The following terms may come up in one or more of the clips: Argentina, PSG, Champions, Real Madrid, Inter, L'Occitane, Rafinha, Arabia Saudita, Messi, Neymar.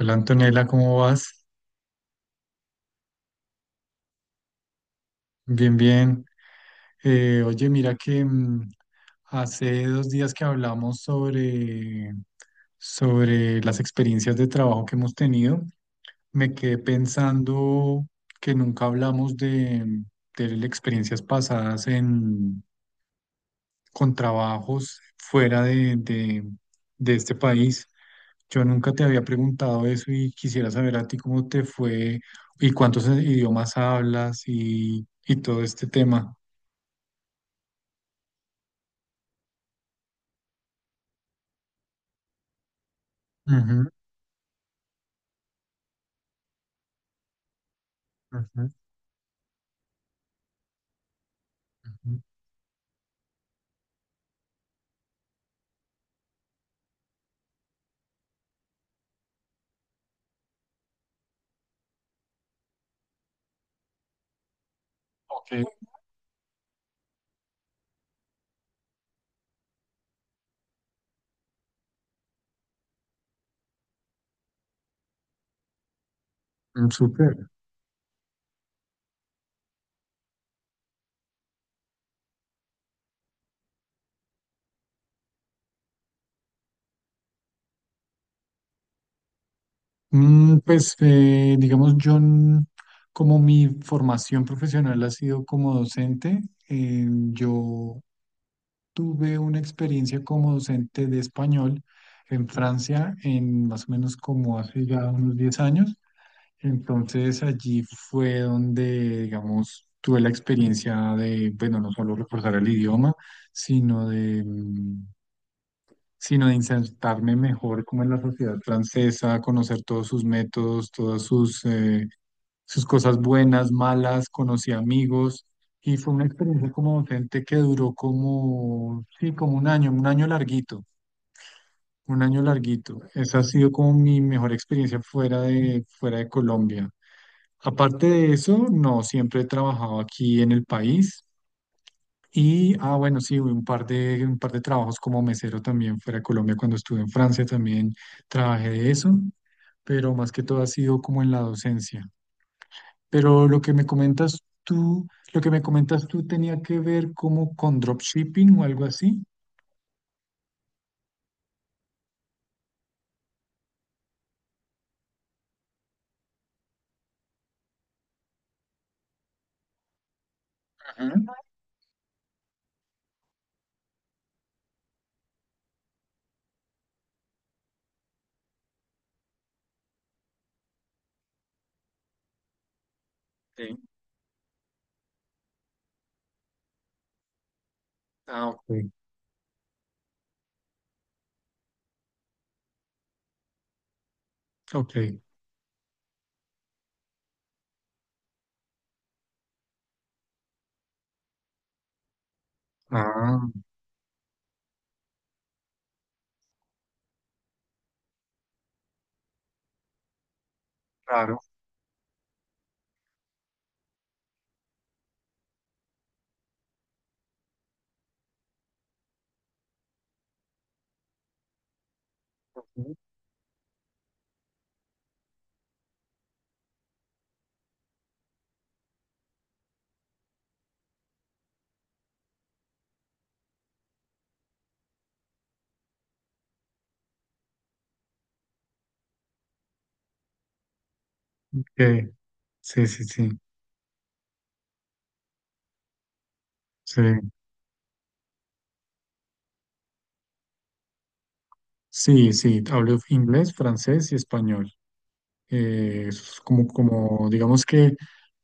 Hola Antonella, ¿cómo vas? Bien, bien. Oye, mira que hace dos días que hablamos sobre las experiencias de trabajo que hemos tenido, me quedé pensando que nunca hablamos de las experiencias pasadas en, con trabajos fuera de este país. Yo nunca te había preguntado eso y quisiera saber a ti cómo te fue y cuántos idiomas hablas y todo este tema. Ujú, ujú, ujú. Ok, mm, súper. Pues, digamos, como mi formación profesional ha sido como docente, eh, yo tuve una experiencia como docente de español en Francia, en más o menos como hace ya unos 10 años. Entonces allí fue donde, digamos, tuve la experiencia de, bueno, no solo reforzar el idioma, sino de, mm, sino de insertarme mejor como en la sociedad francesa, conocer todos sus métodos, todas sus, sus cosas buenas, malas, conocí amigos y fue una experiencia como docente que duró como, sí, como un año larguito, un año larguito. Esa ha sido como mi mejor experiencia fuera de Colombia. Aparte de eso, no, siempre he trabajado aquí en el país. Y, ah, bueno, sí, un par de trabajos como mesero también fuera de Colombia. Cuando estuve en Francia también trabajé de eso, pero más que todo ha sido como en la docencia. Pero lo que me comentas tú, lo que me comentas tú tenía que ver como con dropshipping o algo así. Ajá. Sí. Ah, ok. Ok. Ah, claro. Ok. Sí, sí, sí. Sí, sí, sí. Hablo inglés, francés y español. Es como, digamos que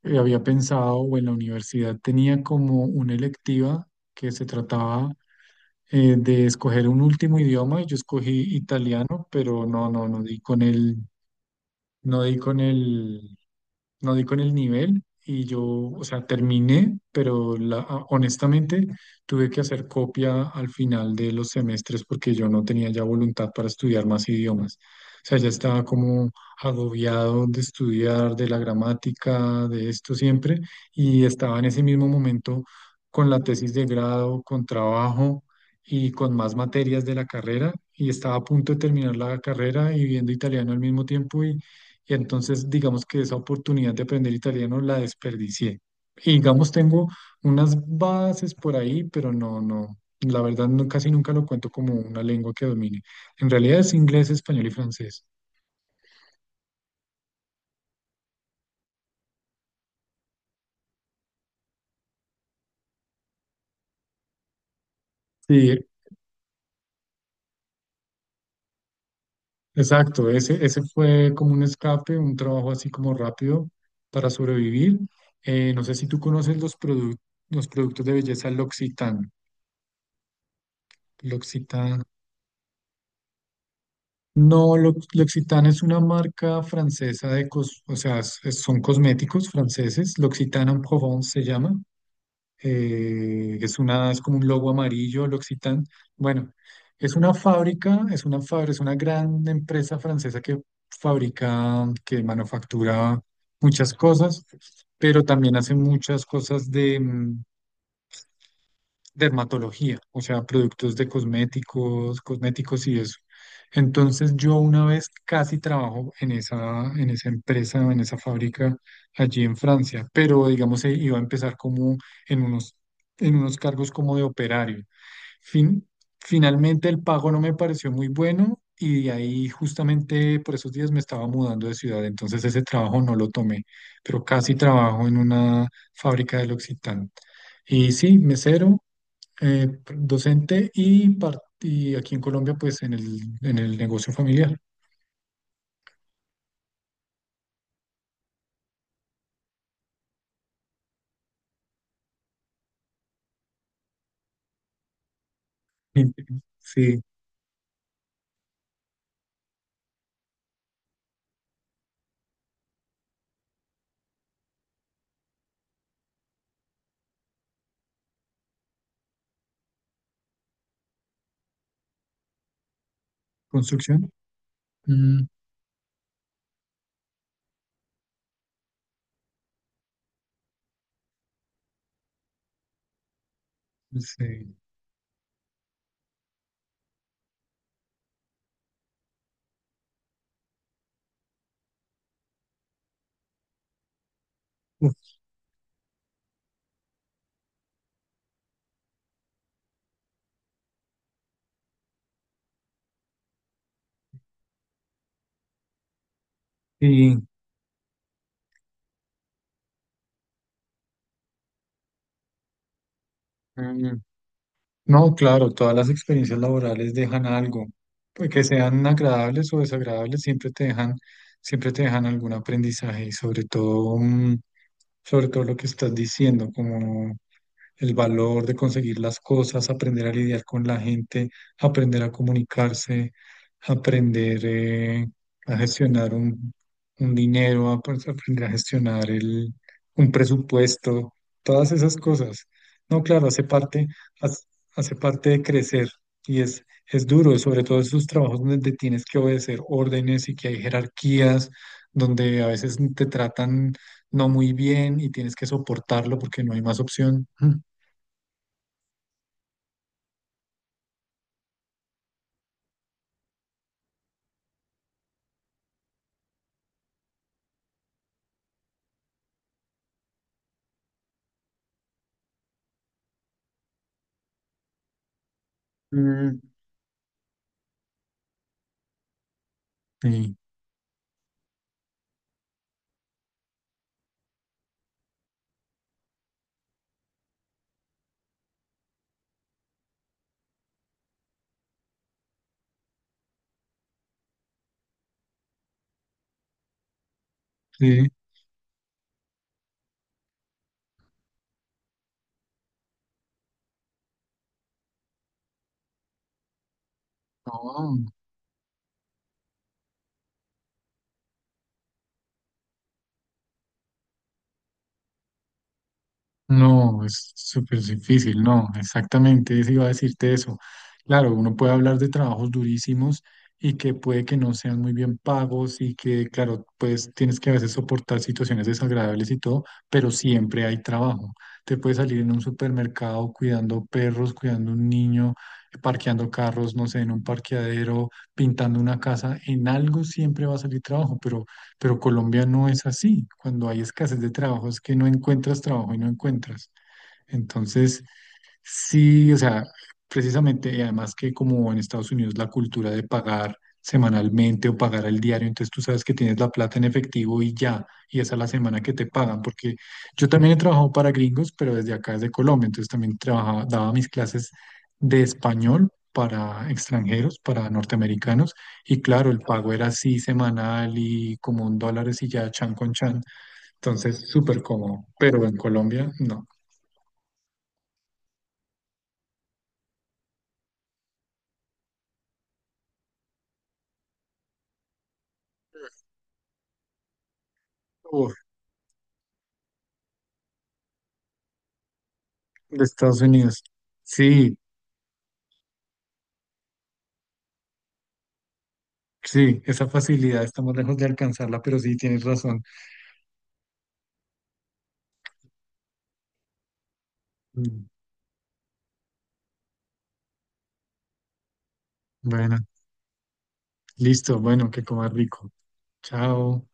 había pensado o en la universidad tenía como una electiva que se trataba de escoger un último idioma y yo escogí italiano, pero no di no di no di con el nivel y yo, o sea, terminé, pero honestamente tuve que hacer copia al final de los semestres porque yo no tenía ya voluntad para estudiar más idiomas. O sea, ya estaba como agobiado de estudiar, de la gramática, de esto siempre, y estaba en ese mismo momento con la tesis de grado, con trabajo y con más materias de la carrera, y estaba a punto de terminar la carrera y viendo italiano al mismo tiempo, y entonces, digamos que esa oportunidad de aprender italiano la desperdicié. Y digamos, tengo unas bases por ahí, pero la verdad no, casi nunca lo cuento como una lengua que domine. En realidad es inglés, español y francés. Sí, exacto. Ese fue como un escape, un trabajo así como rápido para sobrevivir. No sé si tú conoces los productos de belleza L'Occitane. L'Occitane. No, L'Occitane es una marca francesa de cos, o sea, es- son cosméticos franceses. L'Occitane en Provence se llama. Es una, es como un logo amarillo, L'Occitane. Bueno, es una fábrica, es una gran empresa francesa que fabrica, que manufactura muchas cosas, pero también hace muchas cosas, dermatología, o sea, productos de cosméticos, cosméticos y eso. Entonces yo una vez casi trabajo en esa empresa, en esa fábrica allí en Francia, pero digamos iba a empezar como en unos, en unos cargos como de operario. Fin- Finalmente el pago no me pareció muy bueno y de ahí justamente por esos días me estaba mudando de ciudad, entonces ese trabajo no lo tomé, pero casi trabajo en una fábrica del Occitán. Y sí, mesero, eh, docente y aquí en Colombia, pues en en el negocio familiar. Sí, construcción. Mm, sí. Uf, y, mm, no, claro, todas las experiencias laborales dejan algo, pues que sean agradables o desagradables, siempre te dejan algún aprendizaje y sobre todo, sobre todo lo que estás diciendo, como el valor de conseguir las cosas, aprender a lidiar con la gente, aprender a comunicarse, aprender a gestionar un dinero, pues, aprender a gestionar un presupuesto, todas esas cosas. No, claro, hace parte, hace, hace parte de crecer y es duro, sobre todo esos trabajos donde tienes que obedecer órdenes y que hay jerarquías, donde a veces te tratan no muy bien y tienes que soportarlo porque no hay más opción. Mm, sí, sí. No, no, es súper difícil, no, exactamente, eso iba a decirte eso. Claro, uno puede hablar de trabajos durísimos y que puede que no sean muy bien pagos y que, claro, pues tienes que a veces soportar situaciones desagradables y todo, pero siempre hay trabajo. Te puedes salir en un supermercado cuidando perros, cuidando un niño, parqueando carros, no sé, en un parqueadero, pintando una casa, en algo siempre va a salir trabajo, pero Colombia no es así. Cuando hay escasez de trabajo es que no encuentras trabajo y no encuentras. Entonces, sí, o sea, precisamente, y además que como en Estados Unidos la cultura de pagar semanalmente o pagar al diario, entonces tú sabes que tienes la plata en efectivo y ya, y esa es la semana que te pagan, porque yo también he trabajado para gringos, pero desde acá, desde Colombia, entonces también trabajaba, daba mis clases de español para extranjeros, para norteamericanos, y claro, el pago era así semanal y como un dólar y ya, chan con chan, entonces súper cómodo, pero en Colombia no. De Estados Unidos. Sí, sí, esa facilidad estamos lejos de alcanzarla, pero sí, tienes razón. Mm, bueno, listo, bueno, que comas rico. Chao.